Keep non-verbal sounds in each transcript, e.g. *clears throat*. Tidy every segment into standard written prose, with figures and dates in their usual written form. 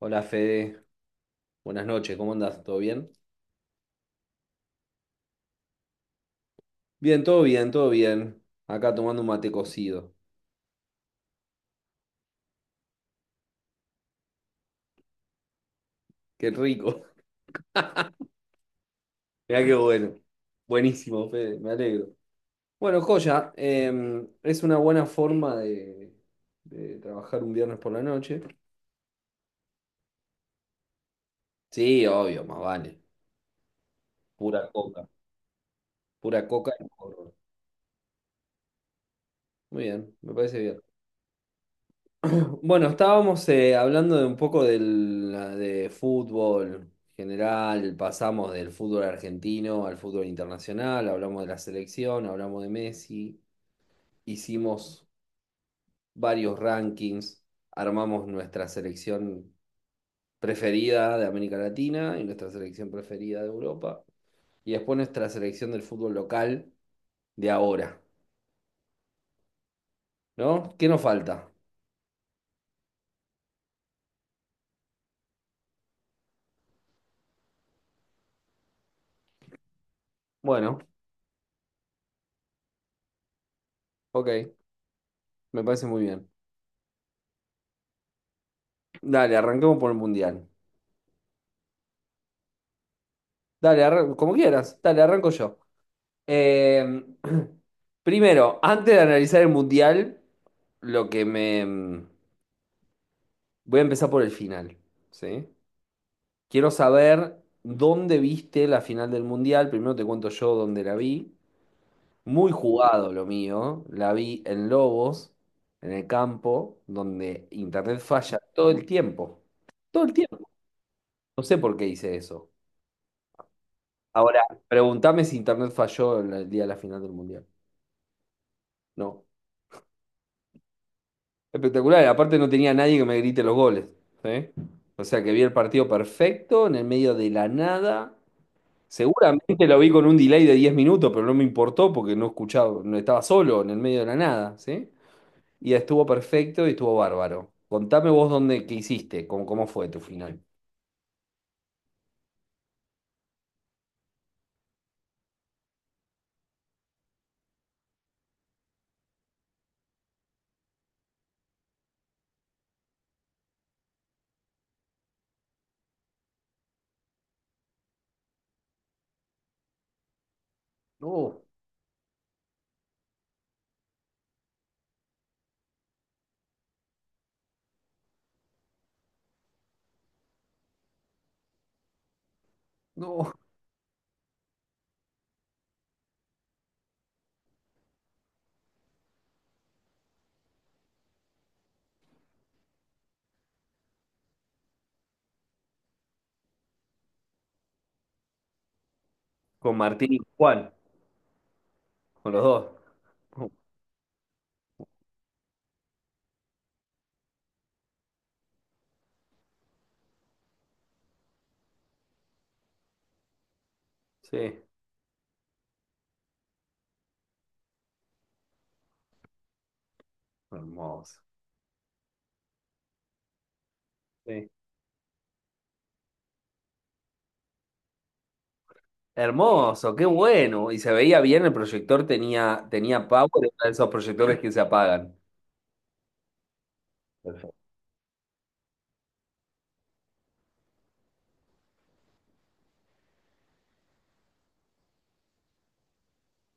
Hola Fede, buenas noches, ¿cómo andás? ¿Todo bien? Bien, todo bien, todo bien. Acá tomando un mate cocido. Qué rico. *laughs* Mirá qué bueno. Buenísimo, Fede, me alegro. Bueno, joya, es una buena forma de trabajar un viernes por la noche. Sí, obvio, más vale. Pura coca. Pura coca y porro. Muy bien, me parece bien. Bueno, estábamos hablando de un poco del, de fútbol general, pasamos del fútbol argentino al fútbol internacional, hablamos de la selección, hablamos de Messi, hicimos varios rankings, armamos nuestra selección preferida de América Latina y nuestra selección preferida de Europa, y después nuestra selección del fútbol local de ahora, ¿no? ¿Qué nos falta? Bueno, ok, me parece muy bien. Dale, arranquemos por el Mundial. Dale, como quieras. Dale, arranco yo. Eh, *clears throat* primero, antes de analizar el mundial, lo que me... Voy a empezar por el final, ¿sí? Quiero saber dónde viste la final del mundial. Primero te cuento yo dónde la vi. Muy jugado lo mío. La vi en Lobos, en el campo, donde internet falla todo el tiempo. Todo el tiempo. No sé por qué hice eso. Ahora, pregúntame si internet falló en el día de la final del mundial. No. Espectacular, y aparte no tenía nadie que me grite los goles. ¿Sí? O sea que vi el partido perfecto, en el medio de la nada. Seguramente lo vi con un delay de 10 minutos, pero no me importó porque no escuchaba, no estaba solo en el medio de la nada, ¿sí? Y estuvo perfecto y estuvo bárbaro. Contame vos dónde, qué hiciste, cómo, cómo fue tu final. No, no. Con Martín y Juan, con los dos. Sí, hermoso. Sí. Hermoso, qué bueno. Y se veía bien, el proyector tenía, tenía power, era de esos proyectores que se apagan. Perfecto.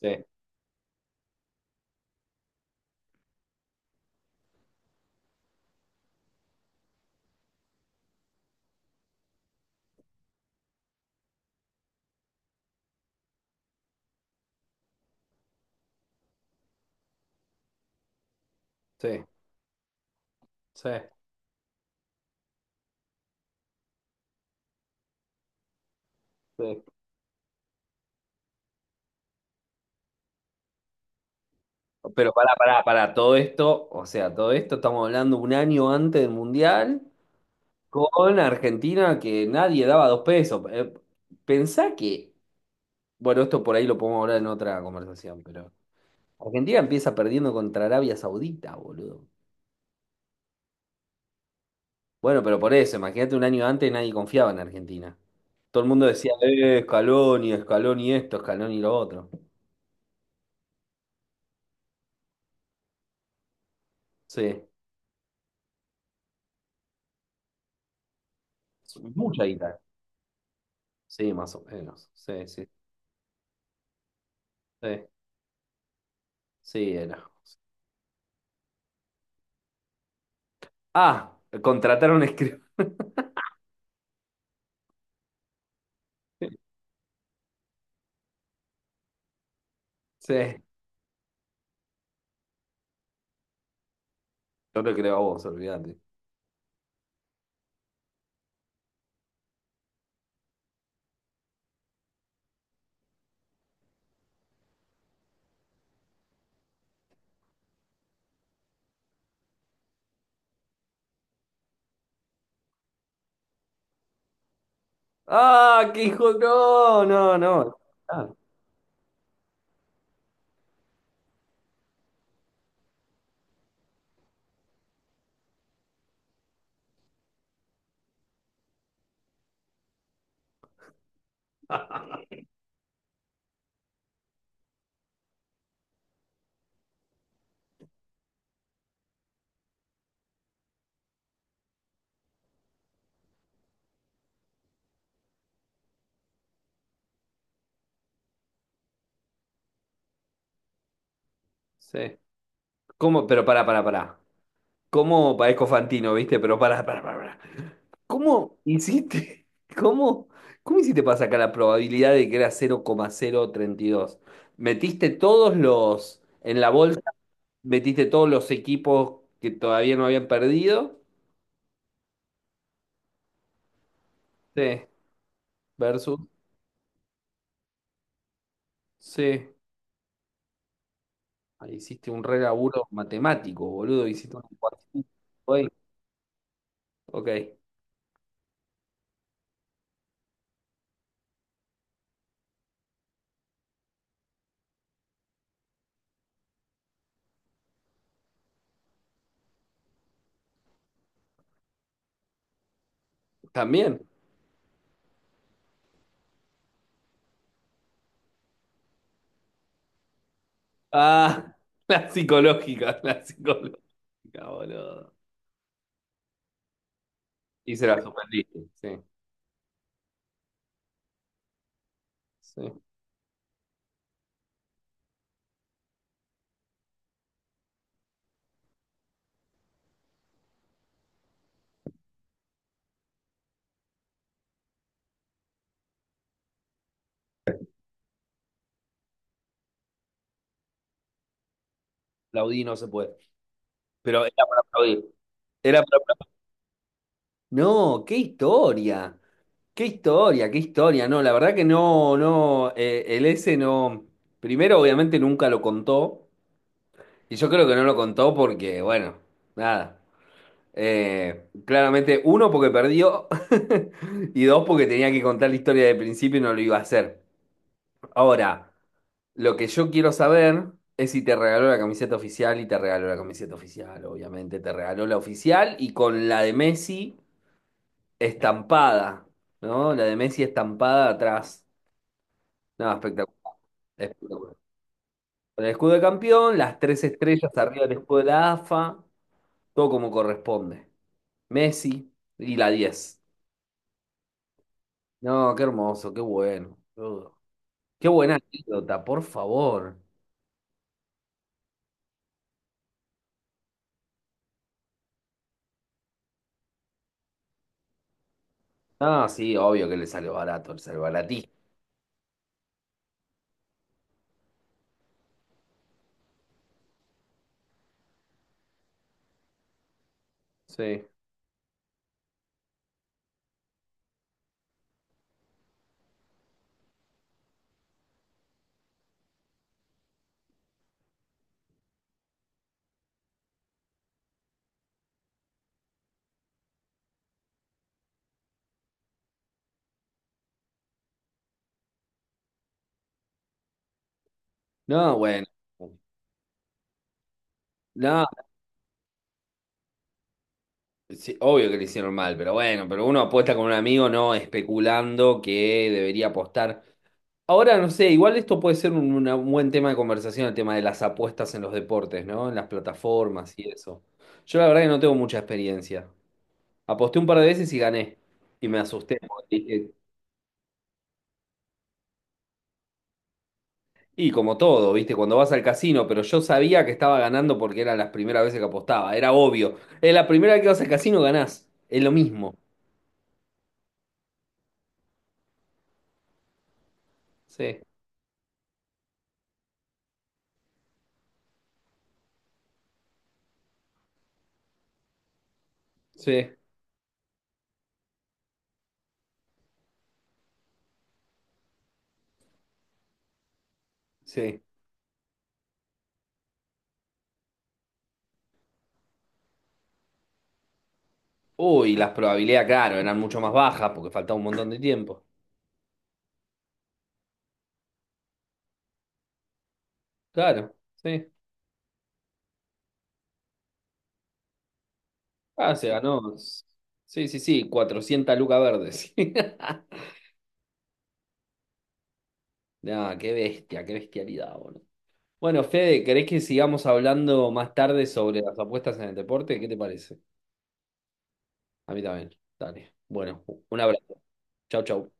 Sí, sí, sí, sí. Pero pará, pará, pará, todo esto, o sea, todo esto estamos hablando un año antes del Mundial, con Argentina que nadie daba dos pesos. Pensá que, bueno, esto por ahí lo podemos hablar en otra conversación, pero Argentina empieza perdiendo contra Arabia Saudita, boludo. Bueno, pero por eso, imagínate un año antes nadie confiaba en Argentina. Todo el mundo decía, Scaloni, Scaloni esto, Scaloni lo otro. Sí, mucha guita. Sí, más o menos. Sí, sí, sí, sí, era. Ah, contrataron a *laughs* Sí, yo lo creo a vos, olvídate. ¡Ah, qué hijo! No, no, no. Ah. *laughs* Sí. ¿Cómo? Pero pará, pará, pará. ¿Cómo parezco Fantino, viste? Pero pará, pará, pará, pará. ¿Cómo hiciste? *laughs* ¿Cómo? ¿Cómo hiciste para sacar la probabilidad de que era 00,032? ¿Metiste todos los en la bolsa? ¿Metiste todos los equipos que todavía no habían perdido? Sí, versus. Sí. Ahí hiciste un re laburo matemático, boludo. Hiciste un cuadrito. Ok, también. Ah, *laughs* la psicológica, boludo. Y se la suspendiste, sí, sí. Aplaudí no se puede. Pero era para aplaudir. Era para- No, qué historia, qué historia, qué historia. No, la verdad que no, no, el S no. Primero, obviamente, nunca lo contó. Y yo creo que no lo contó porque, bueno, nada. Claramente, uno, porque perdió. *laughs* Y dos, porque tenía que contar la historia de principio y no lo iba a hacer. Ahora, lo que yo quiero saber es si te regaló la camiseta oficial y te regaló la camiseta oficial, obviamente. Te regaló la oficial y con la de Messi estampada, ¿no? La de Messi estampada atrás. No, espectacular. Espectacular. Con el escudo de campeón, las tres estrellas arriba del escudo de la AFA, todo como corresponde. Messi y la 10. No, qué hermoso, qué bueno, boludo. Qué buena anécdota, por favor. Ah, sí, obvio que le salió barato, le salió baratí. Sí. No, bueno. No, sí, obvio que le hicieron mal, pero bueno, pero uno apuesta con un amigo no especulando que debería apostar. Ahora, no sé, igual esto puede ser un, un buen tema de conversación, el tema de las apuestas en los deportes, ¿no? En las plataformas y eso. Yo la verdad que no tengo mucha experiencia. Aposté un par de veces y gané. Y me asusté porque dije, y como todo, ¿viste? Cuando vas al casino, pero yo sabía que estaba ganando porque eran las primeras veces que apostaba. Era obvio. Es la primera vez que vas al casino ganás. Es lo mismo. Sí, sí, sí. Uy, las probabilidades, claro, eran mucho más bajas porque faltaba un montón de tiempo. Claro, sí. Ah, se ganó. Sí, sí, sí, 400 lucas verdes. *laughs* Ah, qué bestia, qué bestialidad, boludo. Bueno, Fede, ¿querés que sigamos hablando más tarde sobre las apuestas en el deporte? ¿Qué te parece? A mí también. Dale. Bueno, un abrazo. Chau, chau.